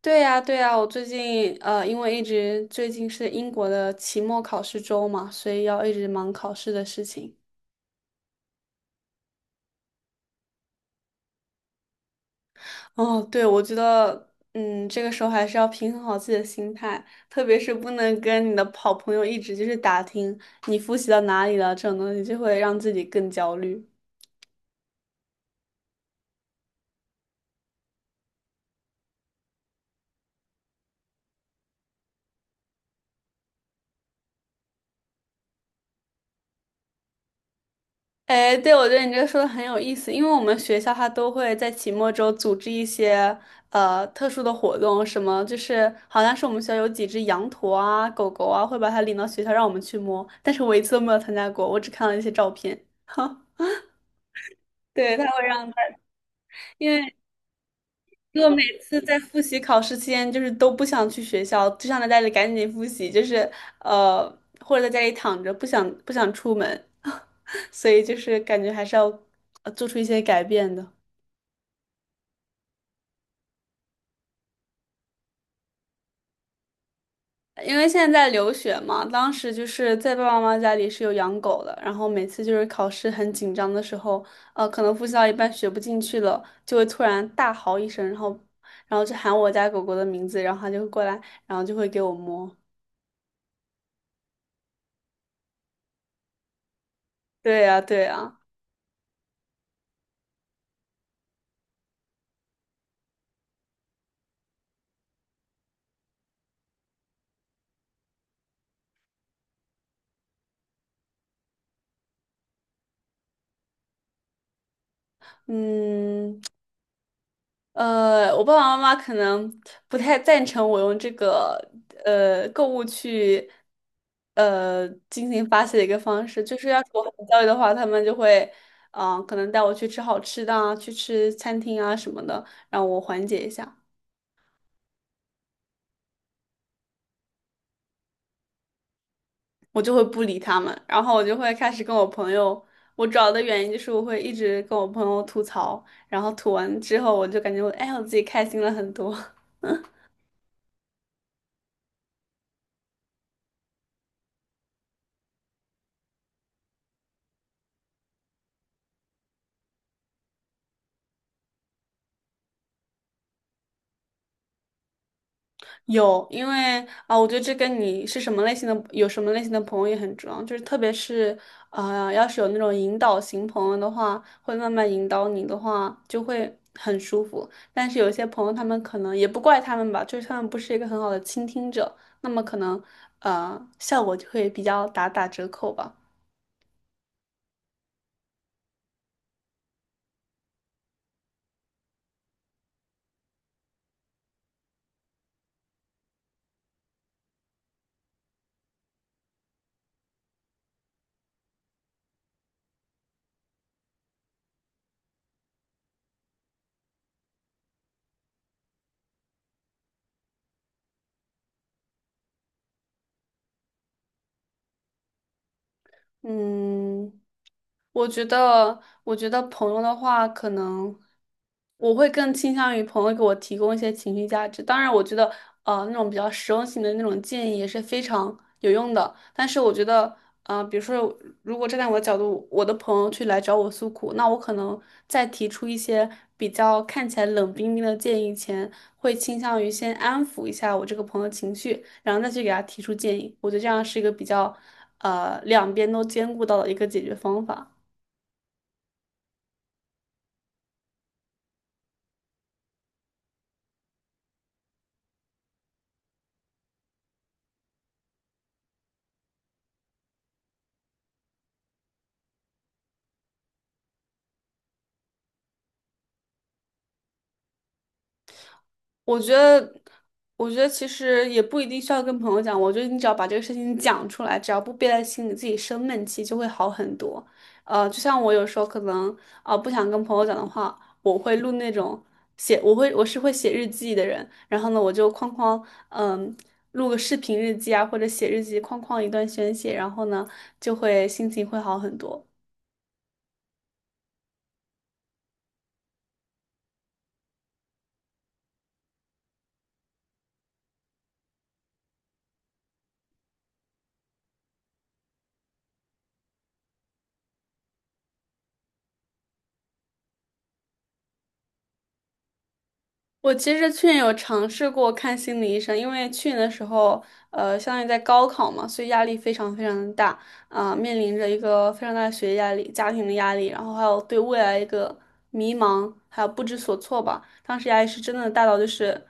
对呀，对呀，我最近因为一直最近是英国的期末考试周嘛，所以要一直忙考试的事情。哦，对，我觉得，这个时候还是要平衡好自己的心态，特别是不能跟你的好朋友一直就是打听你复习到哪里了这种东西，就会让自己更焦虑。哎，对，我觉得你这个说的很有意思，因为我们学校它都会在期末周组织一些特殊的活动，什么就是好像是我们学校有几只羊驼啊、狗狗啊，会把它领到学校让我们去摸，但是我一次都没有参加过，我只看了一些照片。哈，对，他会让他，因为如果每次在复习考试期间，就是都不想去学校，就想在家里赶紧复习，就是呃，或者在家里躺着，不想出门，所以就是感觉还是要做出一些改变的。因为现在在留学嘛，当时就是在爸爸妈妈家里是有养狗的，然后每次就是考试很紧张的时候，可能复习到一半学不进去了，就会突然大嚎一声，然后，就喊我家狗狗的名字，然后它就会过来，然后就会给我摸。对呀，对呀，嗯，我爸爸妈妈可能不太赞成我用这个购物去进行发泄的一个方式，就是要是我很焦虑的话，他们就会可能带我去吃好吃的啊，去吃餐厅啊什么的，让我缓解一下，我就会不理他们，然后我就会开始跟我朋友，我主要的原因就是我会一直跟我朋友吐槽，然后吐完之后我就感觉我哎我自己开心了很多。有，因为啊，我觉得这跟你是什么类型的，有什么类型的朋友也很重要。就是特别是，啊，要是有那种引导型朋友的话，会慢慢引导你的话，就会很舒服。但是有些朋友，他们可能也不怪他们吧，就是他们不是一个很好的倾听者，那么可能，效果就会比较打折扣吧。嗯，我觉得，我觉得朋友的话，可能我会更倾向于朋友给我提供一些情绪价值。当然，我觉得，那种比较实用性的那种建议也是非常有用的。但是，我觉得，比如说，如果站在我的角度，我的朋友去来找我诉苦，那我可能在提出一些比较看起来冷冰冰的建议前，会倾向于先安抚一下我这个朋友情绪。然后再去给他提出建议。我觉得这样是一个比较两边都兼顾到的一个解决方法。我觉得，我觉得其实也不一定需要跟朋友讲，我觉得你只要把这个事情讲出来，只要不憋在心里，自己生闷气就会好很多。就像我有时候可能不想跟朋友讲的话，我会录那种写，我是会写日记的人，然后呢，我就哐哐嗯。录个视频日记啊，或者写日记，哐哐一段宣泄，然后呢，就会心情会好很多。我其实去年有尝试过看心理医生，因为去年的时候，相当于在高考嘛，所以压力非常非常的大啊，面临着一个非常大的学业压力、家庭的压力，然后还有对未来一个迷茫，还有不知所措吧。当时压力是真的大到就是，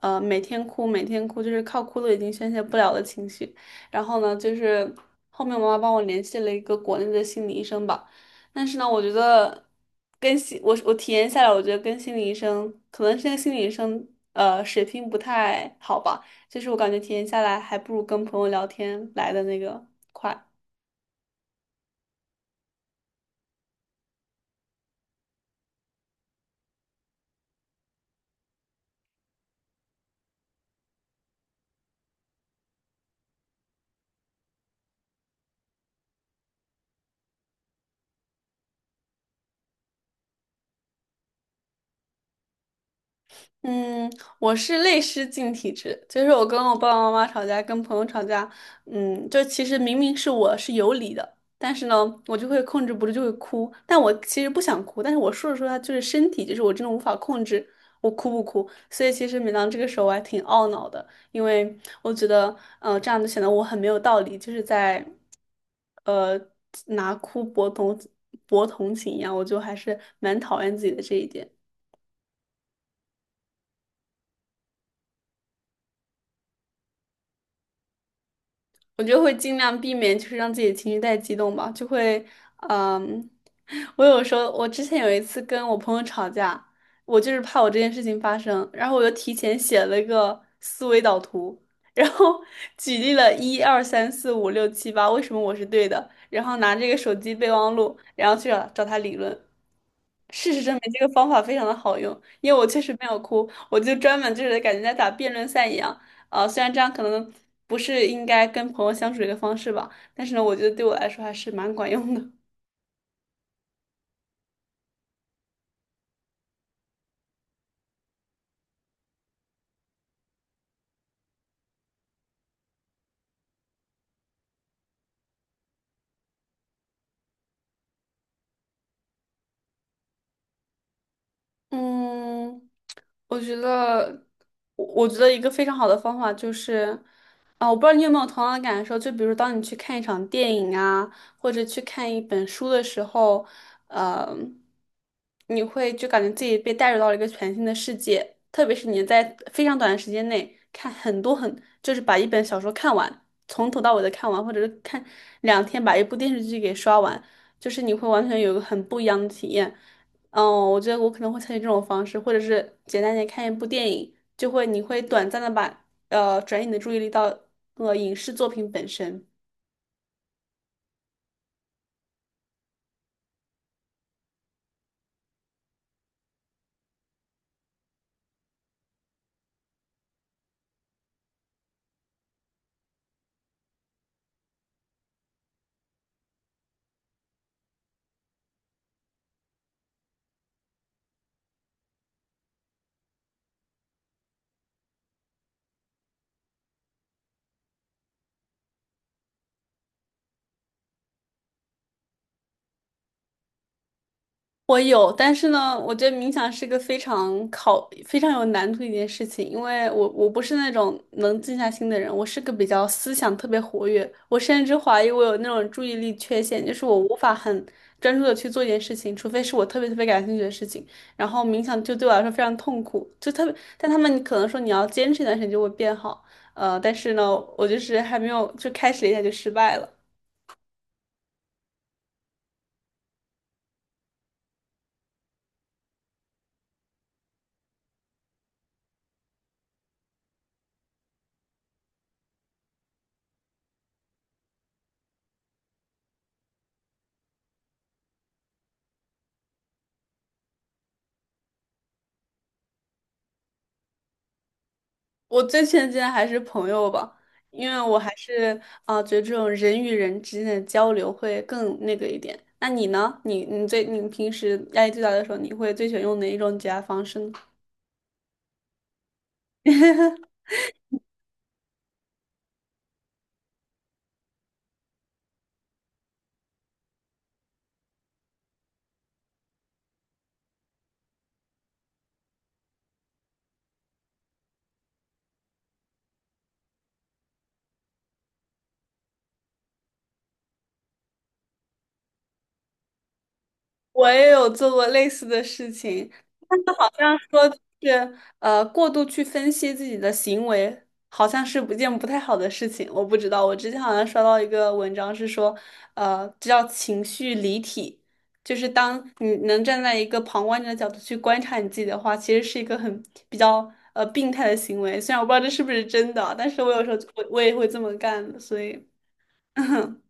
每天哭，每天哭，就是靠哭都已经宣泄不了的情绪。然后呢，就是后面我妈妈帮我联系了一个国内的心理医生吧。但是呢，我觉得跟心我我体验下来，我觉得跟心理医生可能现在心理医生水平不太好吧，就是我感觉体验下来还不如跟朋友聊天来的那个。快。嗯，我是泪失禁体质，就是我跟我爸爸妈妈吵架，跟朋友吵架，就其实明明是我是有理的，但是呢，我就会控制不住就会哭，但我其实不想哭，但是我说着说着就是身体，就是我真的无法控制我哭不哭，所以其实每当这个时候我还挺懊恼的，因为我觉得，这样就显得我很没有道理，就是在，呃，拿哭博同情一样，我就还是蛮讨厌自己的这一点。我就会尽量避免，就是让自己的情绪太激动吧，就会，嗯，我有时候，我之前有一次跟我朋友吵架，我就是怕我这件事情发生，然后我就提前写了一个思维导图，然后 举例了一二三四五六七八，为什么我是对的，然后拿这个手机备忘录，然后去找找他理论。事实证明，这个方法非常的好用，因为我确实没有哭，我就专门就是感觉在打辩论赛一样。啊，虽然这样可能不是应该跟朋友相处的一个方式吧，但是呢，我觉得对我来说还是蛮管用的。嗯，我觉得，我觉得一个非常好的方法就是，啊，我不知道你有没有同样的感受，就比如当你去看一场电影啊，或者去看一本书的时候，呃，你会就感觉自己被带入到了一个全新的世界，特别是你在非常短的时间内看很多很，就是把一本小说看完，从头到尾的看完，或者是看两天把一部电视剧给刷完，就是你会完全有一个很不一样的体验。我觉得我可能会采取这种方式，或者是简单点看一部电影，你会短暂的把转移你的注意力到影视作品本身。我有，但是呢，我觉得冥想是个非常考、非常有难度的一件事情，因为我我不是那种能静下心的人，我是个比较思想特别活跃，我甚至怀疑我有那种注意力缺陷，就是我无法很专注的去做一件事情，除非是我特别特别感兴趣的事情，然后冥想就对我来说非常痛苦，就特别，但他们可能说你要坚持一段时间就会变好，但是呢，我就是还没有就开始了一下就失败了。我最亲近的还是朋友吧，因为我还是觉得这种人与人之间的交流会更那个一点。那你呢？你平时压力最大的时候，你会最喜欢用哪一种解压方式呢？我也有做过类似的事情，但是好像说就是过度去分析自己的行为，好像是不太好的事情。我不知道，我之前好像刷到一个文章是说，这叫情绪离体，就是当你能站在一个旁观者的角度去观察你自己的话，其实是一个比较病态的行为。虽然我不知道这是不是真的啊，但是我有时候我我也会这么干的，所以。嗯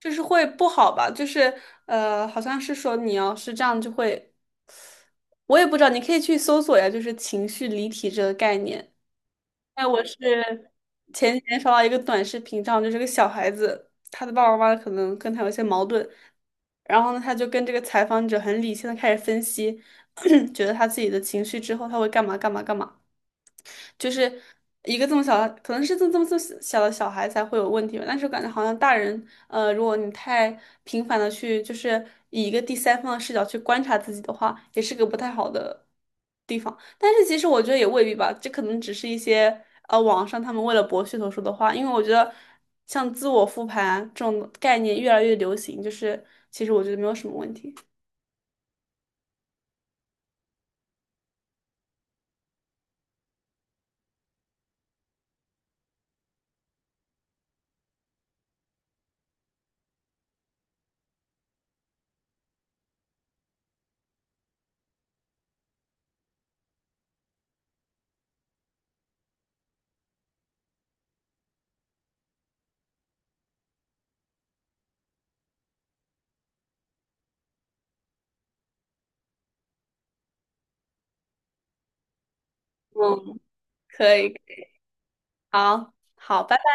就是会不好吧？就是好像是说你要是这样就会，我也不知道，你可以去搜索呀，就是情绪离体"这个概念。哎，我是前几天刷到一个短视频上，就是个小孩子，他的爸爸妈妈可能跟他有一些矛盾，然后呢，他就跟这个采访者很理性的开始分析，觉得他自己的情绪之后他会干嘛干嘛干嘛。就是一个这么小的，可能是这么这么这么小的小孩才会有问题吧。但是我感觉好像大人，如果你太频繁的去，就是以一个第三方的视角去观察自己的话，也是个不太好的地方。但是其实我觉得也未必吧，这可能只是一些网上他们为了博噱头说的话。因为我觉得像自我复盘这种概念越来越流行，就是其实我觉得没有什么问题。嗯，可以，好，好，拜拜。